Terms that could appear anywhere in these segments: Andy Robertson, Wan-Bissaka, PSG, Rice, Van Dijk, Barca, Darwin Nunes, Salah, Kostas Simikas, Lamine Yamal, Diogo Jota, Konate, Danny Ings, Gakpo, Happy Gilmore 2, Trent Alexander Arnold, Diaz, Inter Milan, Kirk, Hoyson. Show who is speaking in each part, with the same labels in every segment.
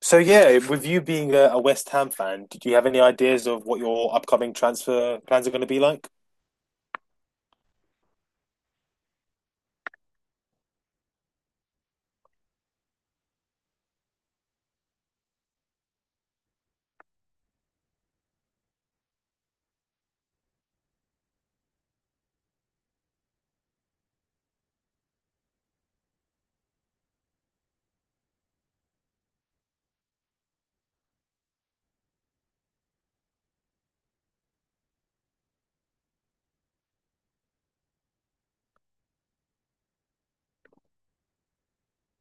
Speaker 1: So yeah, with you being a West Ham fan, did you have any ideas of what your upcoming transfer plans are going to be like?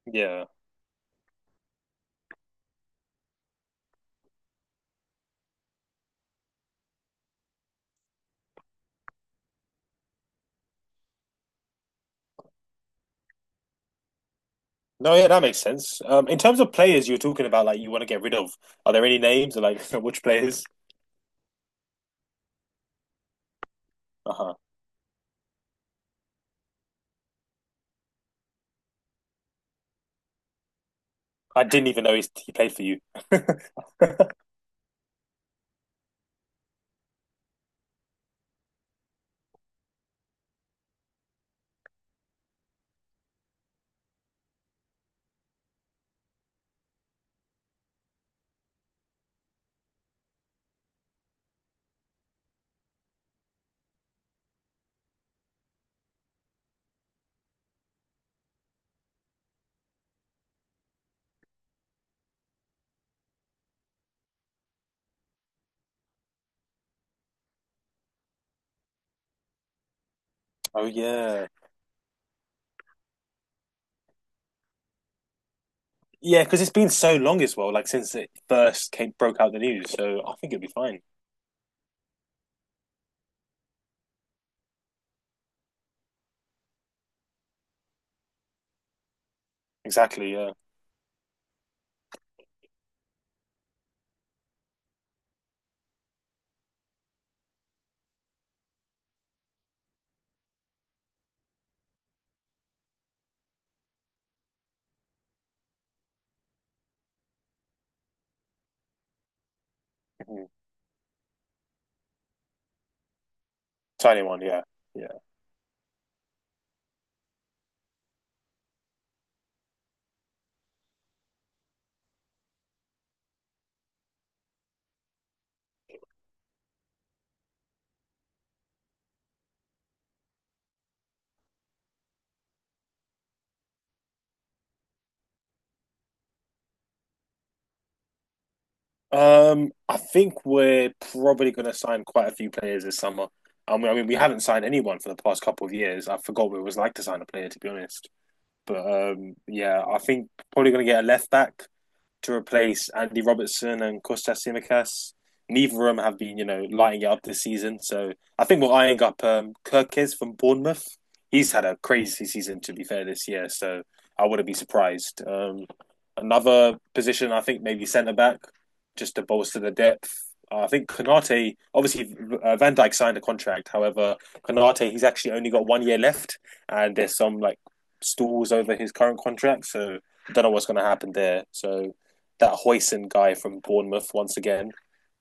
Speaker 1: Yeah. No, yeah, that makes sense. In terms of players you're talking about, like you want to get rid of, are there any names or like which players? Uh-huh. I didn't even know he played for you. Oh yeah, yeah, because it's been so long as well, like since it first came broke out the news. So I think it'll be fine. Exactly. Yeah. Mhm. Tiny one. Yeah. Yeah. I think we're probably going to sign quite a few players this summer. I mean, we haven't signed anyone for the past couple of years. I forgot what it was like to sign a player, to be honest. But yeah, I think probably going to get a left back to replace Andy Robertson and Kostas Simikas. Neither of them have been, you know, lighting it up this season. So I think we're eyeing up Kirk from Bournemouth. He's had a crazy season, to be fair, this year. So I wouldn't be surprised. Another position, I think, maybe centre back, just to bolster the depth. I think Konate, obviously, Van Dijk signed a contract. However, Konate, he's actually only got 1 year left, and there's some like stalls over his current contract. So I don't know what's going to happen there. So that Hoyson guy from Bournemouth once again.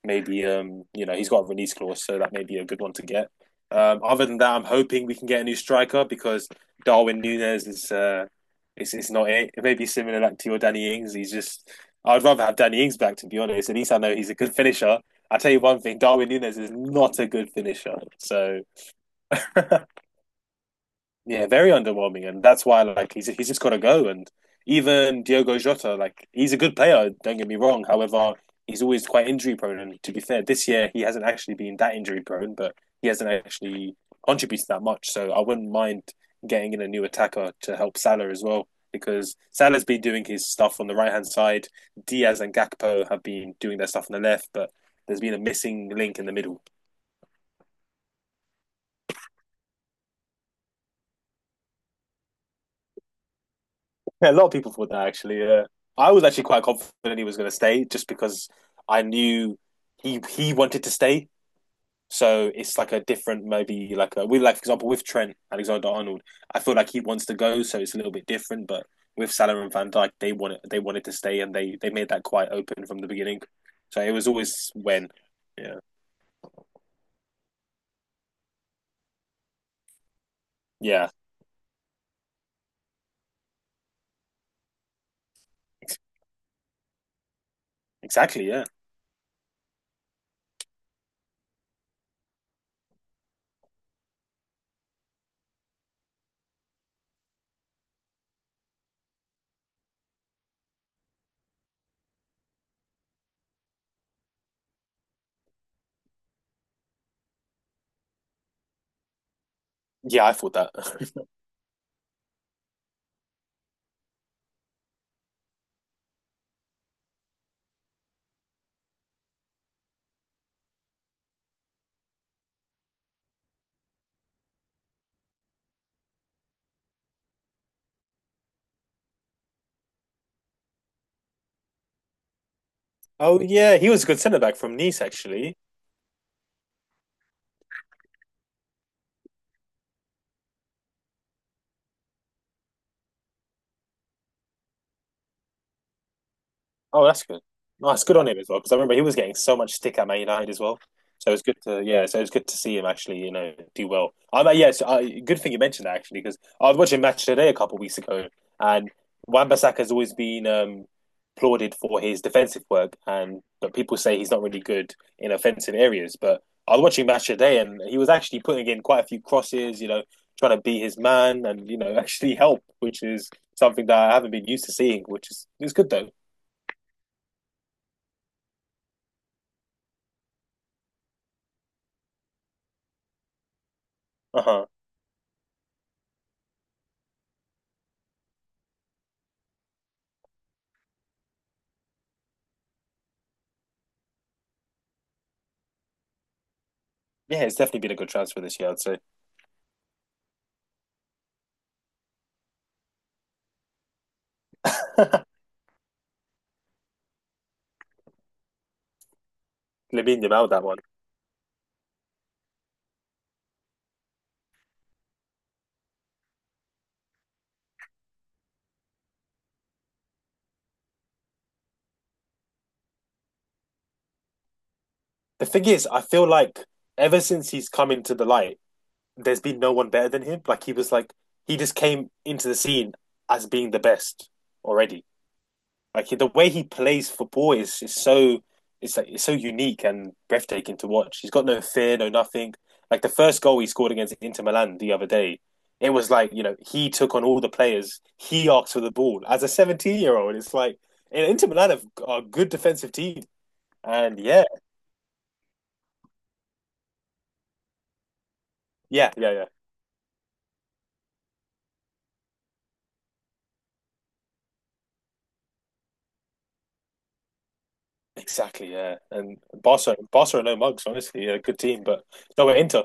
Speaker 1: Maybe you know he's got a release clause, so that may be a good one to get. Other than that, I'm hoping we can get a new striker because Darwin Nunes is is not it. It may be similar like to your Danny Ings. He's just. I'd rather have Danny Ings back to be honest. At least I know he's a good finisher. I tell you one thing, Darwin Nunes is not a good finisher. So Yeah, very underwhelming, and that's why like he's just got to go. And even Diogo Jota, like he's a good player. Don't get me wrong. However, he's always quite injury prone. And to be fair, this year he hasn't actually been that injury prone, but he hasn't actually contributed that much. So I wouldn't mind getting in a new attacker to help Salah as well, because Salah's been doing his stuff on the right hand side. Diaz and Gakpo have been doing their stuff on the left, but there's been a missing link in the middle. Yeah, a lot of people thought that actually. Yeah, I was actually quite confident he was going to stay just because I knew he wanted to stay. So it's like a different, maybe like a, we like for example with Trent Alexander Arnold, I feel like he wants to go, so it's a little bit different. But with Salah and Van Dijk, they wanted to stay, and they made that quite open from the beginning. So it was always when, yeah, yeah, exactly, yeah, yeah. I thought that. Oh yeah, he was a good centre back from Nice actually. Oh, that's good. Nice, good on him as well. Because I remember he was getting so much stick at Man United as well. So it's good to yeah. So it's good to see him actually, you know, do well. I mean, yes, I, good thing you mentioned that actually because I was watching Match Today a couple of weeks ago, and Wan-Bissaka has always been applauded for his defensive work, and but people say he's not really good in offensive areas. But I was watching Match Today, and he was actually putting in quite a few crosses, you know, trying to be his man and you know actually help, which is something that I haven't been used to seeing, which is it's good though. Uh huh. Yeah, it's definitely been a good transfer this year, I'd say. Lamine Yamal, that one. The thing is, I feel like ever since he's come into the light, there's been no one better than him. Like he was like he just came into the scene as being the best already. Like the way he plays football is so it's so unique and breathtaking to watch. He's got no fear, no nothing. Like the first goal he scored against Inter Milan the other day, it was like you know he took on all the players. He asked for the ball as a 17-year-old. It's like and Inter Milan have, are a good defensive team, and yeah, yeah, yeah, yeah, exactly, yeah. And Barca are no mugs, honestly. A good team, but no, we're Inter.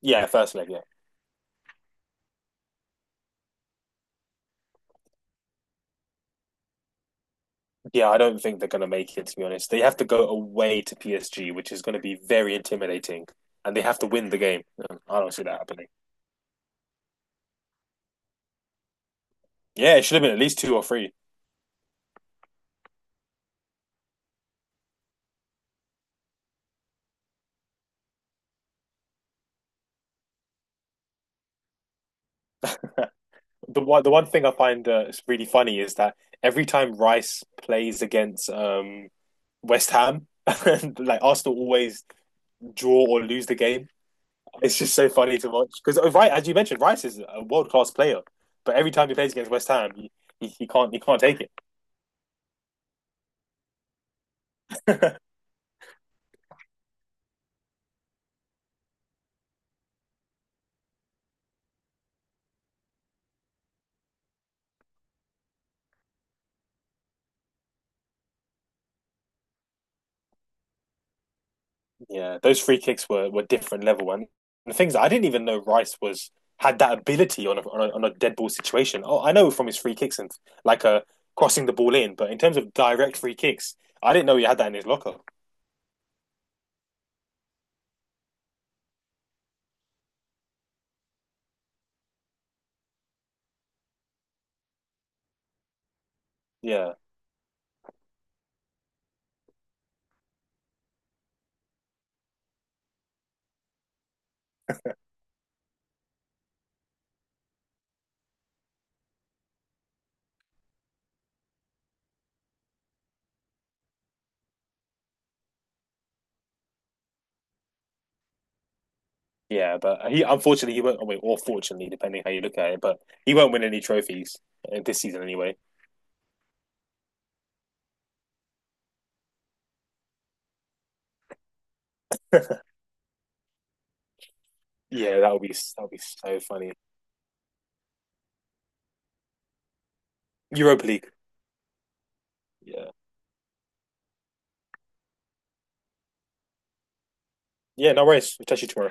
Speaker 1: Yeah, first leg, yeah. Yeah, I don't think they're going to make it, to be honest. They have to go away to PSG, which is going to be very intimidating, and they have to win the game. I don't see that happening. Yeah, it should have been at least two or three. The one thing I find is really funny is that every time Rice plays against West Ham, like Arsenal always draw or lose the game. It's just so funny to watch because, right, as you mentioned, Rice is a world class player, but every time he plays against West Ham, he can't take it. Yeah, those free kicks were different level, and the things I didn't even know Rice was had that ability on a dead ball situation. Oh, I know from his free kicks and like a crossing the ball in, but in terms of direct free kicks, I didn't know he had that in his locker. Yeah, yeah, but he unfortunately he won't. I mean, or fortunately, depending how you look at it, but he won't win any trophies this season anyway. Yeah, that would be so funny. Europa League. Yeah, yeah, no worries. We'll touch you tomorrow.